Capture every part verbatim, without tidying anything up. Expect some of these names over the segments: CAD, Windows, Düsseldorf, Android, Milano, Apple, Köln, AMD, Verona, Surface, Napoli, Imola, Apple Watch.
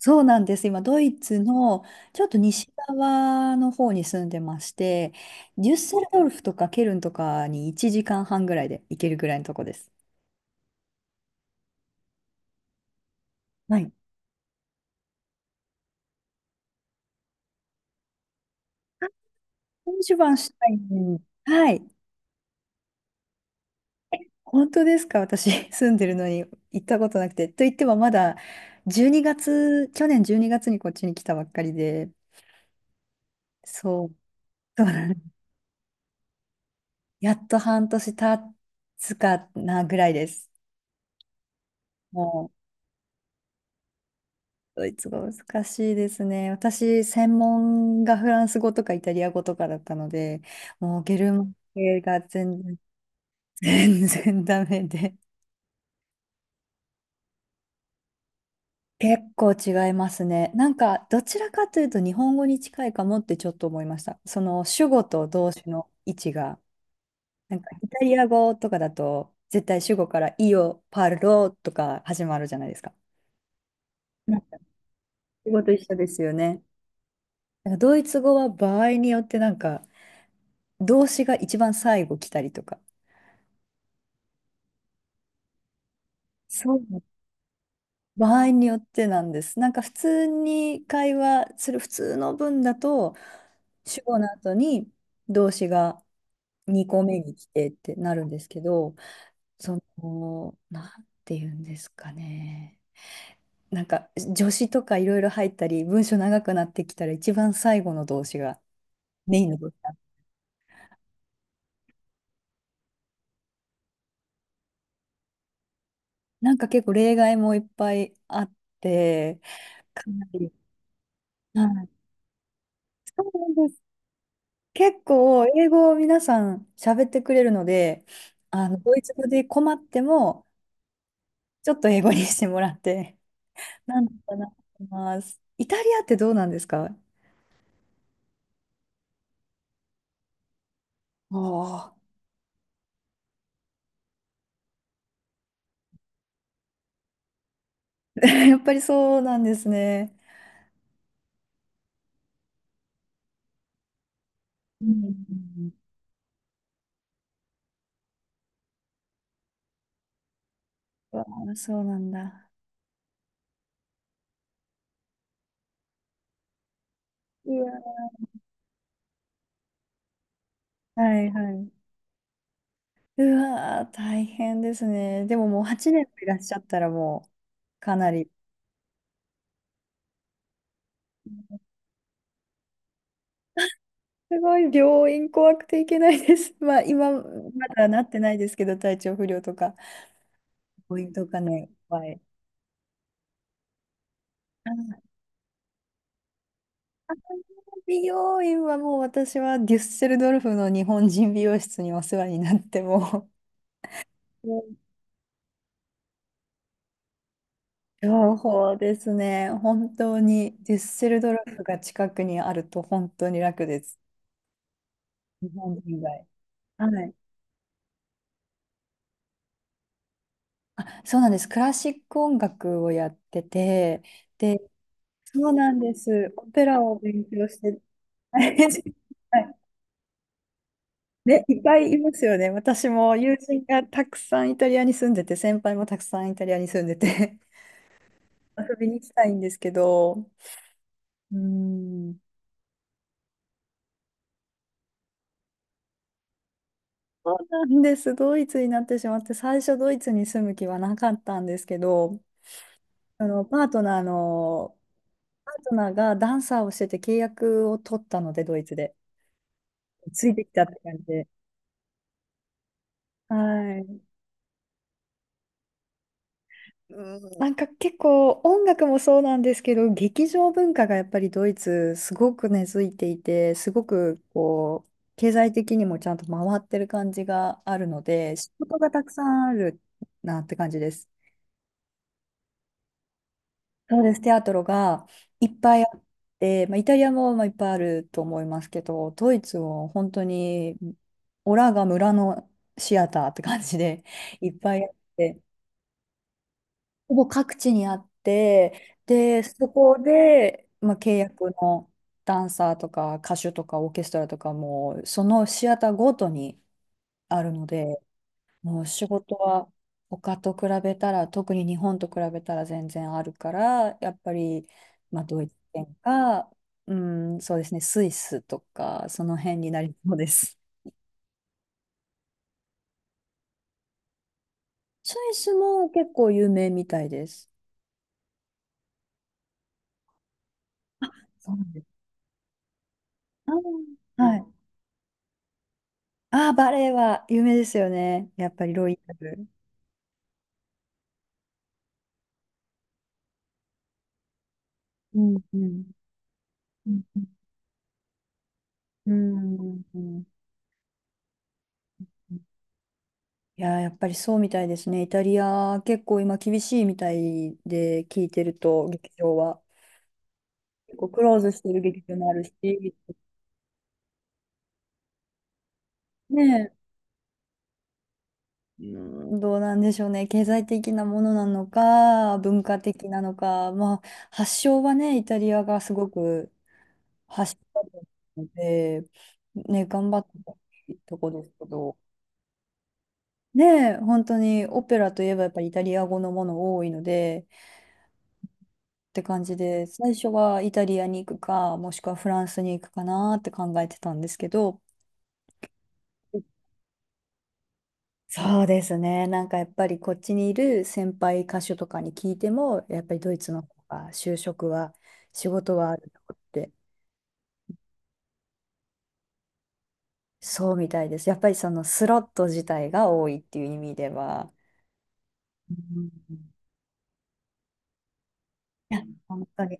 そうなんです。今、ドイツのちょっと西側の方に住んでまして、デュッセルドルフとかケルンとかにいちじかんはんぐらいで行けるぐらいのとこです。はい。あモンシュはい。本当ですか？私、住んでるのに行ったことなくて。と言っても、まだじゅうにがつ、去年じゅうにがつにがつにこっちに来たばっかりで、そう、そうなんです。やっと半年経つかなぐらいです。もうドイツ語難しいですね。私、専門がフランス語とかイタリア語とかだったので、もうゲルマン系が全然、全然ダメで。結構違いますね。なんか、どちらかというと日本語に近いかもってちょっと思いました。その主語と動詞の位置が。なんか、イタリア語とかだと、絶対主語から、イオ、パロとか始まるじゃないですか。なんか、主語と一緒ですよね。なんかドイツ語は場合によってなんか、動詞が一番最後来たりとか、そう。場合によってなんです。なんか普通に会話する普通の文だと、主語の後に動詞がにこめに来てってなるんですけど、その、なんて言うんですかね。なんか助詞とかいろいろ入ったり、文章長くなってきたら一番最後の動詞がメインの動詞だ。なんか結構例外もいっぱいあって、かなり、はい、そうなんです。結構英語を皆さん喋ってくれるので、あの、ドイツ語で困っても、ちょっと英語にしてもらって、なんとかなってます。イタリアってどうなんですか？ああ、やっぱりそうなんですね。うんうん。うわあ、そうなんだ。うわ。はいはい。うわあ、大変ですね。でももうはちねんもいらっしゃったらもうかなり。すごい、病院怖くていけないです。まあ今、まだなってないですけど、体調不良とか。ポイントがね、いっぱい。あ、美容院はもう私はデュッセルドルフの日本人美容室にお世話になって、もうん、情 報ですね。本当にデュッセルドルフが近くにあると本当に楽です。日本人以外。はい。あ、そうなんです。クラシック音楽をやってて、で、そうなんです。オペラを勉強して、はい。ね、いっぱいいますよね。私も友人がたくさんイタリアに住んでて、先輩もたくさんイタリアに住んでて、 遊びに行きたいんですけど、うん、そうなんです。ドイツになってしまって、最初ドイツに住む気はなかったんですけど、あのパートナーの、パートナーがダンサーをしてて契約を取ったので、ドイツで。ついてきたって感じで。はい。うん、なんか結構音楽もそうなんですけど、劇場文化がやっぱりドイツすごく根付いていて、すごくこう、経済的にもちゃんと回ってる感じがあるので、仕事がたくさんあるなって感じです。そうです、テアトロがいっぱいあって、まあ、イタリアもまあいっぱいあると思いますけど、ドイツも本当にオラが村のシアターって感じでいっぱいあって、ほぼ各地にあって、で、そこで、まあ、契約のダンサーとか歌手とかオーケストラとかも、そのシアターごとにあるので、もう仕事は他と比べたら、特に日本と比べたら全然あるから、やっぱり、まあ、ドイツ圏か、うん、そうですね、スイスとか、その辺になりそうです。スイスも結構有名みたいです。そうなんです。あー、はい。ああ、バレエは有名ですよね。やっぱりロイヤル。うん、うん。うんうんうん。いやー、やっぱりそうみたいですね。イタリア、結構今厳しいみたいで聞いてると、劇場は。結構クローズしてる劇場もあるし、ねえ、うん、どうなんでしょうね。経済的なものなのか、文化的なのか、まあ、発祥はね、イタリアがすごく発祥だと思うので、ね、頑張ってほしいとこですけど。ねえ、本当にオペラといえばやっぱりイタリア語のもの多いのでって感じで、最初はイタリアに行くか、もしくはフランスに行くかなって考えてたんですけど、そうですね、なんかやっぱりこっちにいる先輩歌手とかに聞いても、やっぱりドイツの方が就職は、仕事はあるとって、そうみたいです。やっぱりそのスロット自体が多いっていう意味では。うん。いや、本当に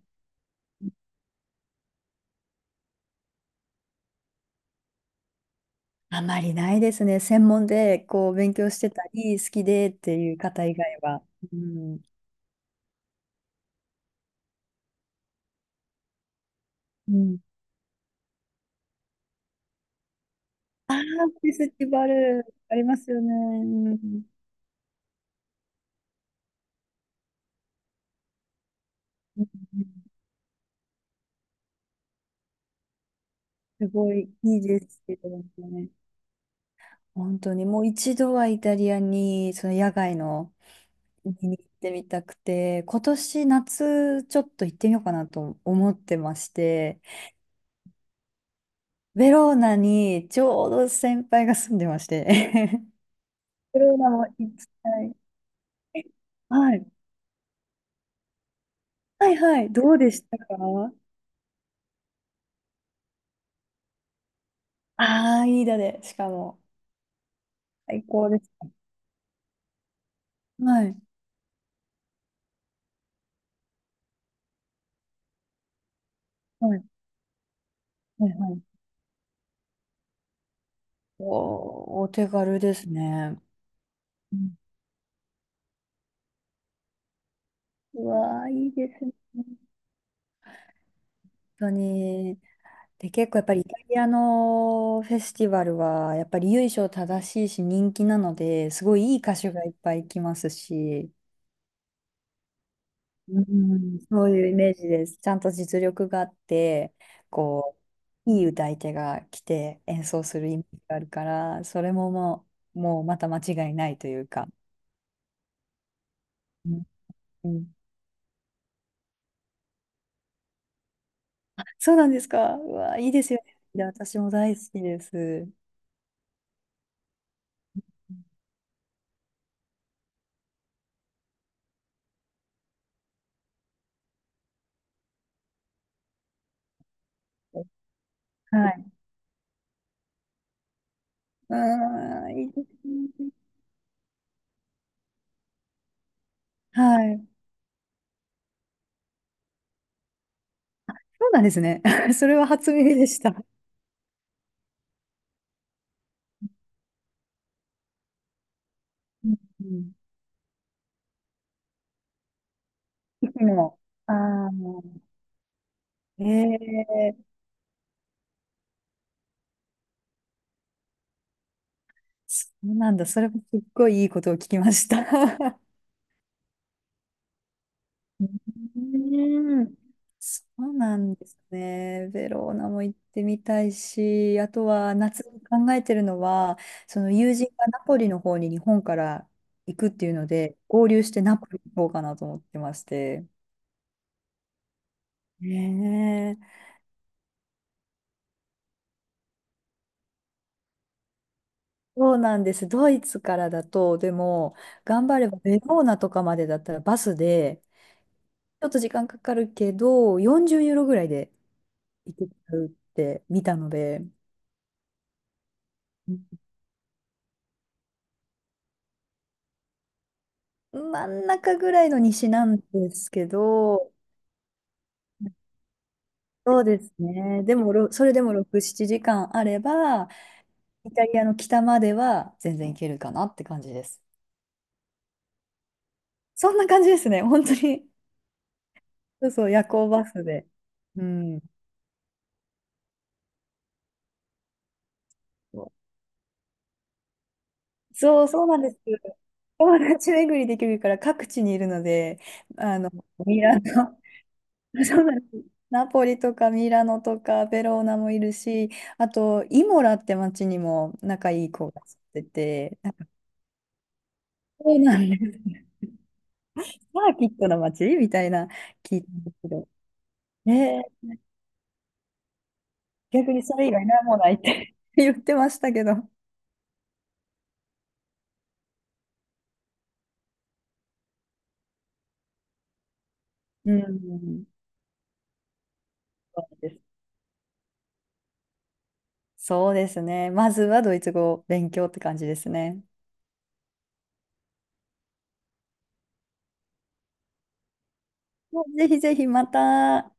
あまりないですね。専門でこう勉強してたり、好きでっていう方以外は。うん。うん、ああ、フェスティバル、ありますよね。うんうん。すごいいいですけどね。本当にもう一度はイタリアに、その野外のに行ってみたくて、今年夏ちょっと行ってみようかなと思ってまして、ベローナにちょうど先輩が住んでまして、ベローナも行きたい。はい。はいはい。どうでしたか？ああー、いいだで、しかも。最高です。はい。はい。はい。はい。お、お手軽ですね。うん。うわー、いいですね。本当に。で、結構やっぱりイタリアのフェスティバルは、やっぱり由緒正しいし人気なので、すごいいい歌手がいっぱい来ますし、うん、そういうイメージです。ちゃんと実力があって、こう、いい歌い手が来て演奏するイメージがあるから、それももう、もうまた間違いないというか。うんうん。そうなんですか。うわ、いいですよね。いや私も大好きです。はい。うーん、いいですね。はい。そうなんですね。それは初耳でした。うんうん。息も、ああ、ええ、そうなんだ。それもすっごいいいことを聞きました。うーん、そうなんですね。ベローナも行ってみたいし、あとは夏に考えてるのは、その友人がナポリの方に日本から行くっていうので、合流してナポリに行こうかなと思ってまして。ねえ、そうなんです。ドイツからだと、でも、頑張ればベローナとかまでだったらバスで、ちょっと時間かかるけどよんじゅうユーロぐらいでで行けちゃうって見たので、真ん中ぐらいの西なんですけど、そうですね。でも、ろそれでもろく、ななじかんあれば、イタリアの北までは全然行けるかなって感じです。そんな感じですね。本当に。そうそう、夜行バスで。うん。そう、そうなんです。友達巡りできるから各地にいるので、あの、ミラノ、そうなんです。ナポリとかミラノとかベローナもいるし、あと、イモラって町にも仲いい子が住んでて、そうなんです。サーキットの街みたいな聞いたんですけど、ねえ、逆にそれ以外何もないって 言ってましたけど。うん、そうです。そうですね。まずはドイツ語を勉強って感じですね。もうぜひぜひまた